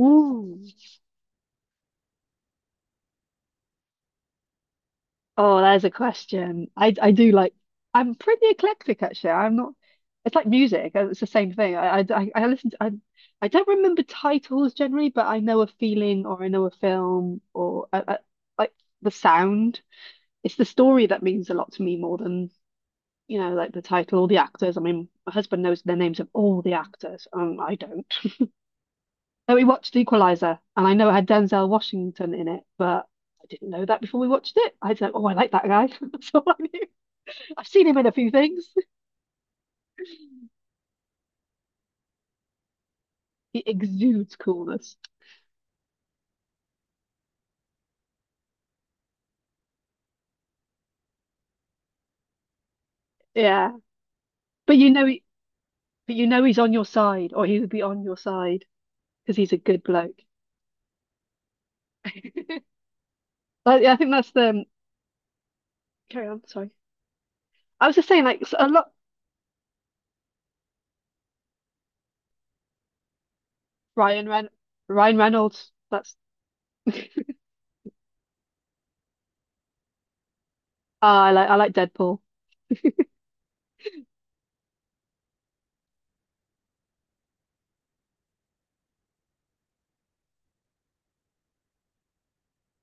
Ooh. Oh, there's a question. I do like I'm pretty eclectic actually. I'm not it's like music. It's the same thing. I listen to, I don't remember titles generally, but I know a feeling or I know a film or like the sound. It's the story that means a lot to me more than, like the title or the actors. I mean, my husband knows the names of all the actors. I don't. So we watched Equalizer, and I know it had Denzel Washington in it, but I didn't know that before we watched it. I was like, oh, I like that guy. That's all I knew. I've seen him in a few things. He exudes coolness. Yeah, but he's on your side, or he would be on your side because he's a good bloke. But yeah, I think that's the carry on. Sorry, I was just saying like so a lot. Ryan Ren Ryan Reynolds. That's ah, I like Deadpool.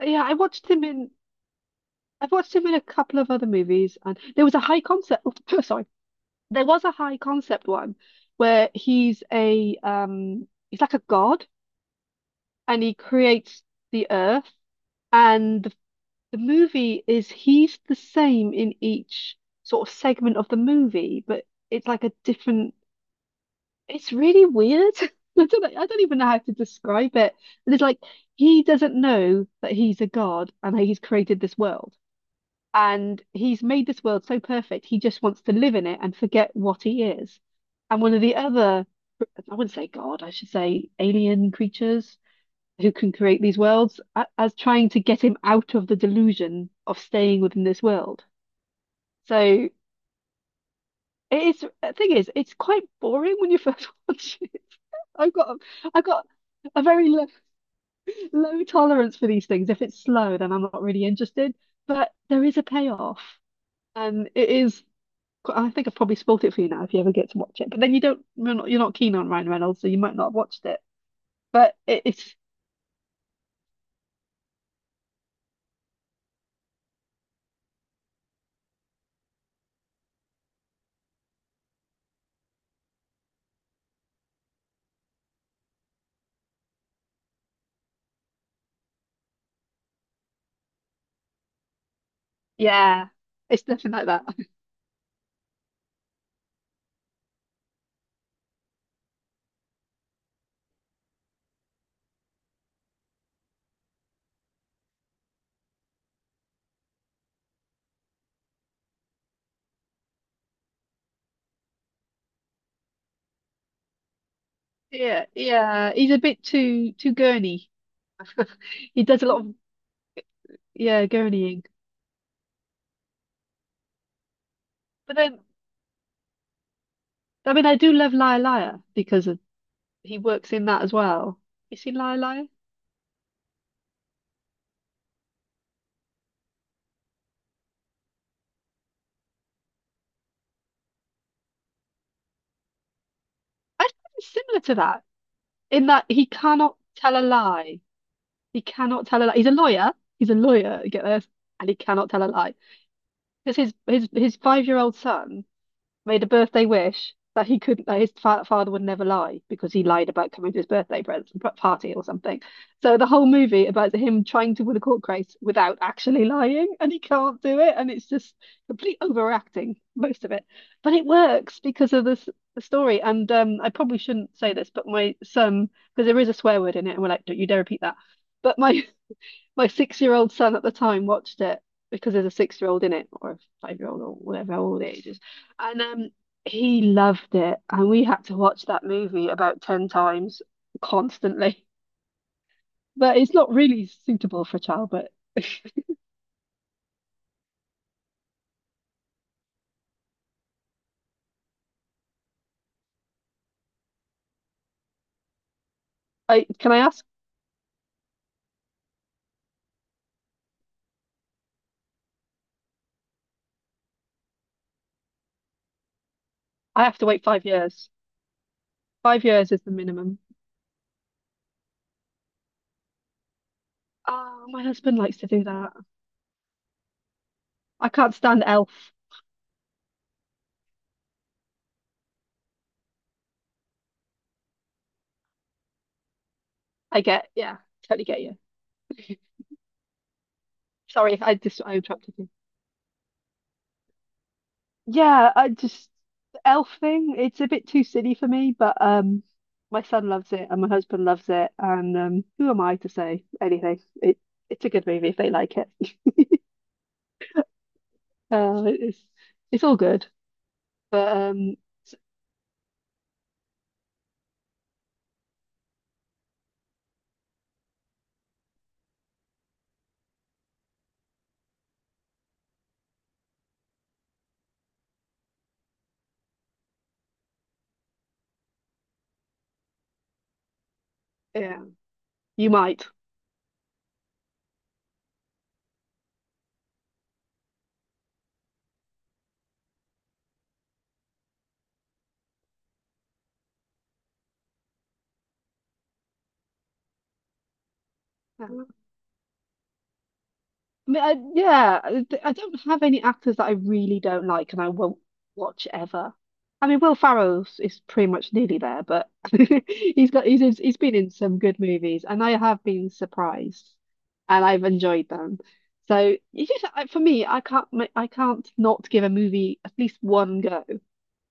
Yeah, I've watched him in a couple of other movies, and there was a high concept. sorry, There was a high concept one where he's like a god and he creates the earth and the movie is he's the same in each sort of segment of the movie but it's like a different it's really weird. I don't know, I don't even know how to describe it. And it's like he doesn't know that he's a god and that he's created this world. And he's made this world so perfect, he just wants to live in it and forget what he is. And one of the other, I wouldn't say God, I should say alien creatures who can create these worlds, as trying to get him out of the delusion of staying within this world. So it's the thing is, it's quite boring when you first watch it. I've got a very low tolerance for these things. If it's slow, then I'm not really interested. But there is a payoff. And it is I think I've probably spoiled it for you now if you ever get to watch it. But then you're not keen on Ryan Reynolds, so you might not have watched it. But it, it's, yeah, it's nothing like that. Yeah, yeah, he's a bit too gurney. He does a lot of yeah gurneying. But then, I mean, I do love Liar Liar because of, he works in that as well. You seen Liar Liar? I think it's similar to that in that he cannot tell a lie. He cannot tell a lie. He's a lawyer. He's a lawyer. Get this? And he cannot tell a lie because his 5 year old son made a birthday wish that he couldn't that his fa father would never lie because he lied about coming to his party or something. So the whole movie about him trying to win a court case without actually lying, and he can't do it, and it's just complete overacting most of it, but it works because of this the story. And I probably shouldn't say this, but my son because there is a swear word in it, and we're like, don't you dare repeat that. But my six-year-old son at the time watched it because there's a six-year-old in it, or a five-year-old, or whatever how old age is, and he loved it, and we had to watch that movie about ten times constantly. But it's not really suitable for a child. But I can I ask? I have to wait 5 years. 5 years is the minimum. Oh, my husband likes to do that. I can't stand Elf. I get, yeah, totally get you. Sorry, I interrupted you. Yeah, I just the elf thing, it's a bit too silly for me, but my son loves it and my husband loves it and who am I to say anything? It's a good movie if they like it. Uh, it's it's all good. But yeah, you might. I mean, yeah, I don't have any actors that I really don't like and I won't watch ever. I mean, Will Ferrell's is pretty much nearly there, but he's been in some good movies, and I have been surprised, and I've enjoyed them. So you just, for me, I can't not give a movie at least one go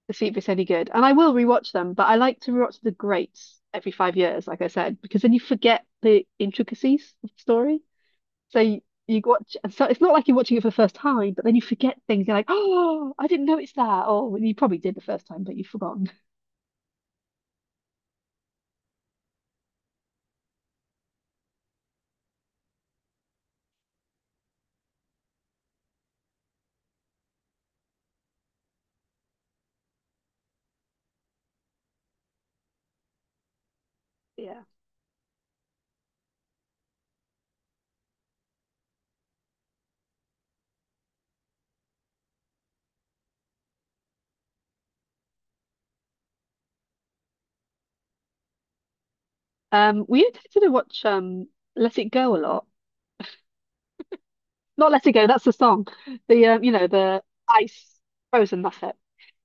to see if it's any good, and I will rewatch them. But I like to rewatch the greats every 5 years, like I said, because then you forget the intricacies of the story. So you watch, so it's not like you're watching it for the first time, but then you forget things. You're like, oh, I didn't notice that. Or well, you probably did the first time, but you've forgotten. Yeah. We tended to watch Let It Go a lot. Not Let It Go, that's the song. The you know, the ice frozen, that's it.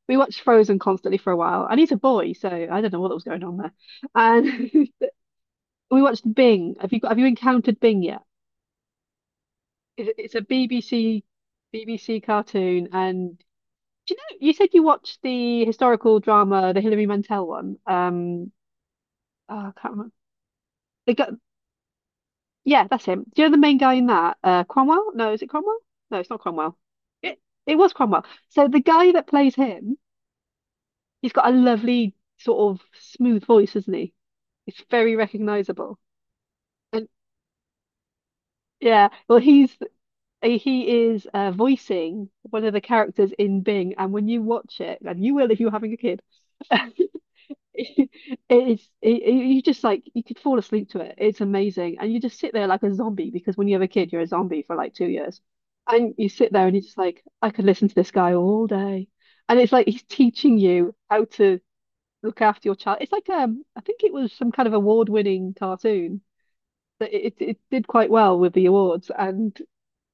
We watched Frozen constantly for a while, and he's a boy, so I don't know what was going on there. And we watched Bing. Have you encountered Bing yet? It- It's a BBC cartoon, and do you know you said you watched the historical drama, the Hilary Mantel one. Oh, I can't remember. They got yeah, that's him. Do you know the main guy in that? Cromwell? No, is it Cromwell? No, it's not Cromwell. It it was Cromwell. So the guy that plays him, he's got a lovely sort of smooth voice, isn't he? It's very recognizable. And yeah, he is voicing one of the characters in Bing, and when you watch it, and you will if you're having a kid, it is you just like you could fall asleep to it. It's amazing, and you just sit there like a zombie because when you have a kid, you're a zombie for like 2 years, and you sit there and you're just like, I could listen to this guy all day, and it's like he's teaching you how to look after your child. It's like I think it was some kind of award-winning cartoon that it did quite well with the awards and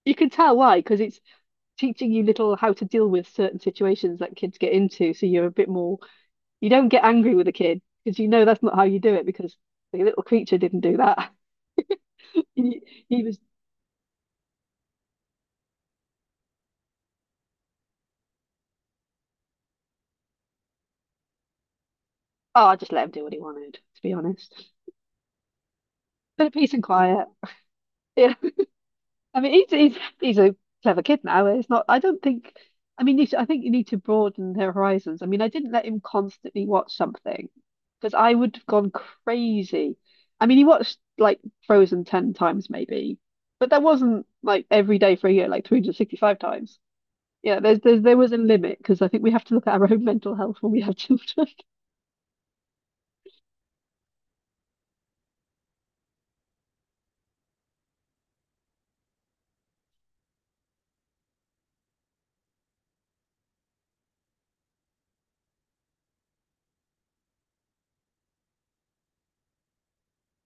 you can tell why, because it's teaching you little how to deal with certain situations that kids get into. So you're a bit more, you don't get angry with a kid because you know that's not how you do it because the little creature didn't do that. He, he was, oh, I just let him do what he wanted, to be honest. But peace and quiet. Yeah. I mean, he's a clever kid now. It's not. I don't think. I mean, you should, I think you need to broaden their horizons. I mean, I didn't let him constantly watch something because I would have gone crazy. I mean, he watched like Frozen ten times maybe, but that wasn't like every day for a year, like 365 times. Yeah, there was a limit because I think we have to look at our own mental health when we have children.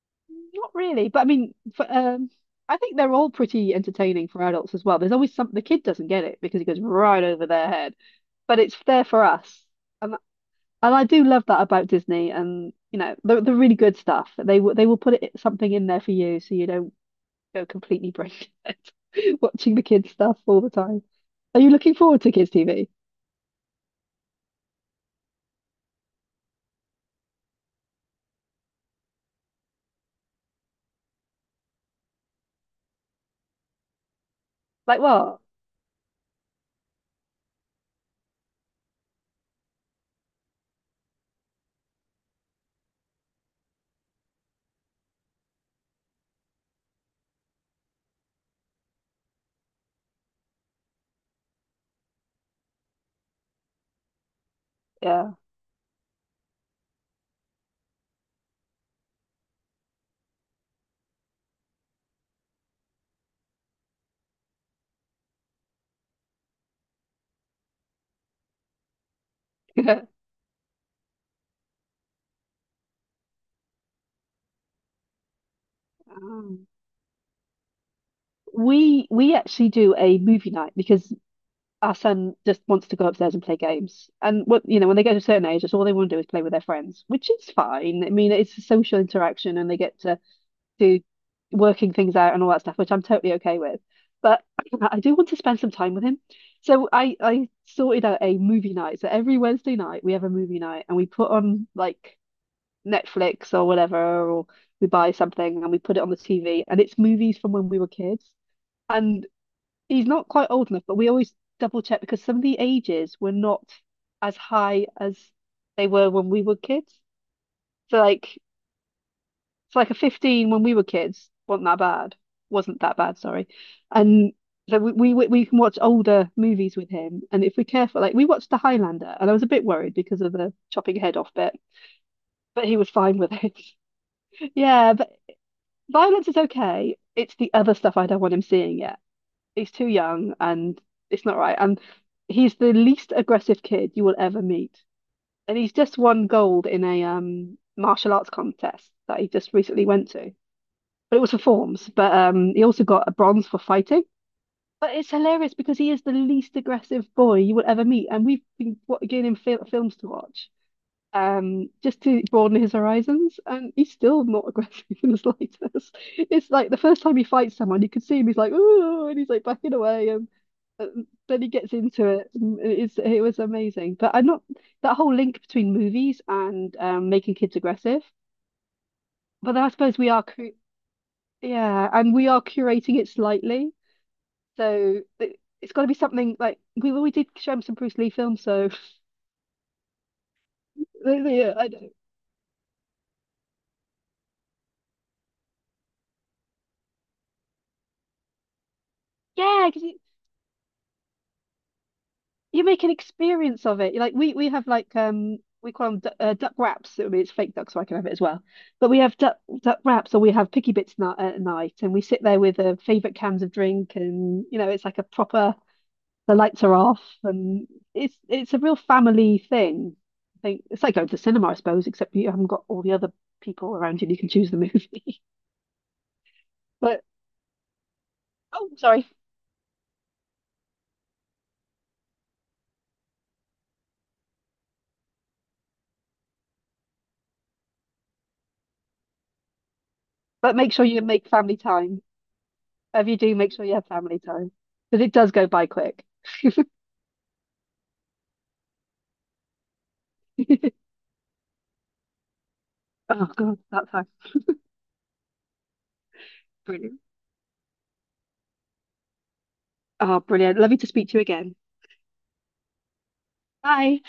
Not really, but I mean, I think they're all pretty entertaining for adults as well. There's always something the kid doesn't get it because it goes right over their head, but it's there for us. And I do love that about Disney, and you know the really good stuff. They will put it, something in there for you so you don't go completely brain dead watching the kids stuff all the time. Are you looking forward to kids TV? Like what? Yeah. Um, we actually do a movie night because our son just wants to go upstairs and play games. And what you know, when they get to a certain age, that's all they want to do is play with their friends, which is fine. I mean, it's a social interaction and they get to working things out and all that stuff, which I'm totally okay with. But I do want to spend some time with him. So I sorted out a movie night. So every Wednesday night we have a movie night and we put on like Netflix or whatever, or we buy something and we put it on the TV and it's movies from when we were kids. And he's not quite old enough, but we always double check because some of the ages were not as high as they were when we were kids. So like a 15 when we were kids wasn't that bad. Wasn't that bad, sorry. And so we can watch older movies with him. And if we're careful, like we watched The Highlander and I was a bit worried because of the chopping head off bit, but he was fine with it. Yeah, but violence is okay. It's the other stuff I don't want him seeing yet. He's too young and it's not right. And he's the least aggressive kid you will ever meet. And he's just won gold in a martial arts contest that he just recently went to, but it was for forms. But he also got a bronze for fighting. But it's hilarious because he is the least aggressive boy you will ever meet, and we've been getting him films to watch, just to broaden his horizons, and he's still not aggressive in the slightest. It's like the first time he fights someone, you can see him. He's like, ooh, and he's like backing away, and then he gets into it. And It's it was amazing. But I'm not that whole link between movies and making kids aggressive. But I suppose we are cre yeah, and we are curating it slightly. So it's got to be something like we did show him some Bruce Lee films, so yeah, I don't, yeah, because you make an experience of it. Like we have like we call them du duck wraps. I mean, it's fake duck, so I can have it as well. But we have duck wraps, or we have picky bits na at night, and we sit there with favorite cans of drink, and you know, it's like a proper the lights are off, and it's a real family thing. I think it's like going to the cinema, I suppose, except you haven't got all the other people around you and you can choose the movie. But oh, sorry. But make sure you make family time. If you do, make sure you have family time because it does go by quick. Oh God, that sounds brilliant. Oh, brilliant. Lovely to speak to you again. Bye.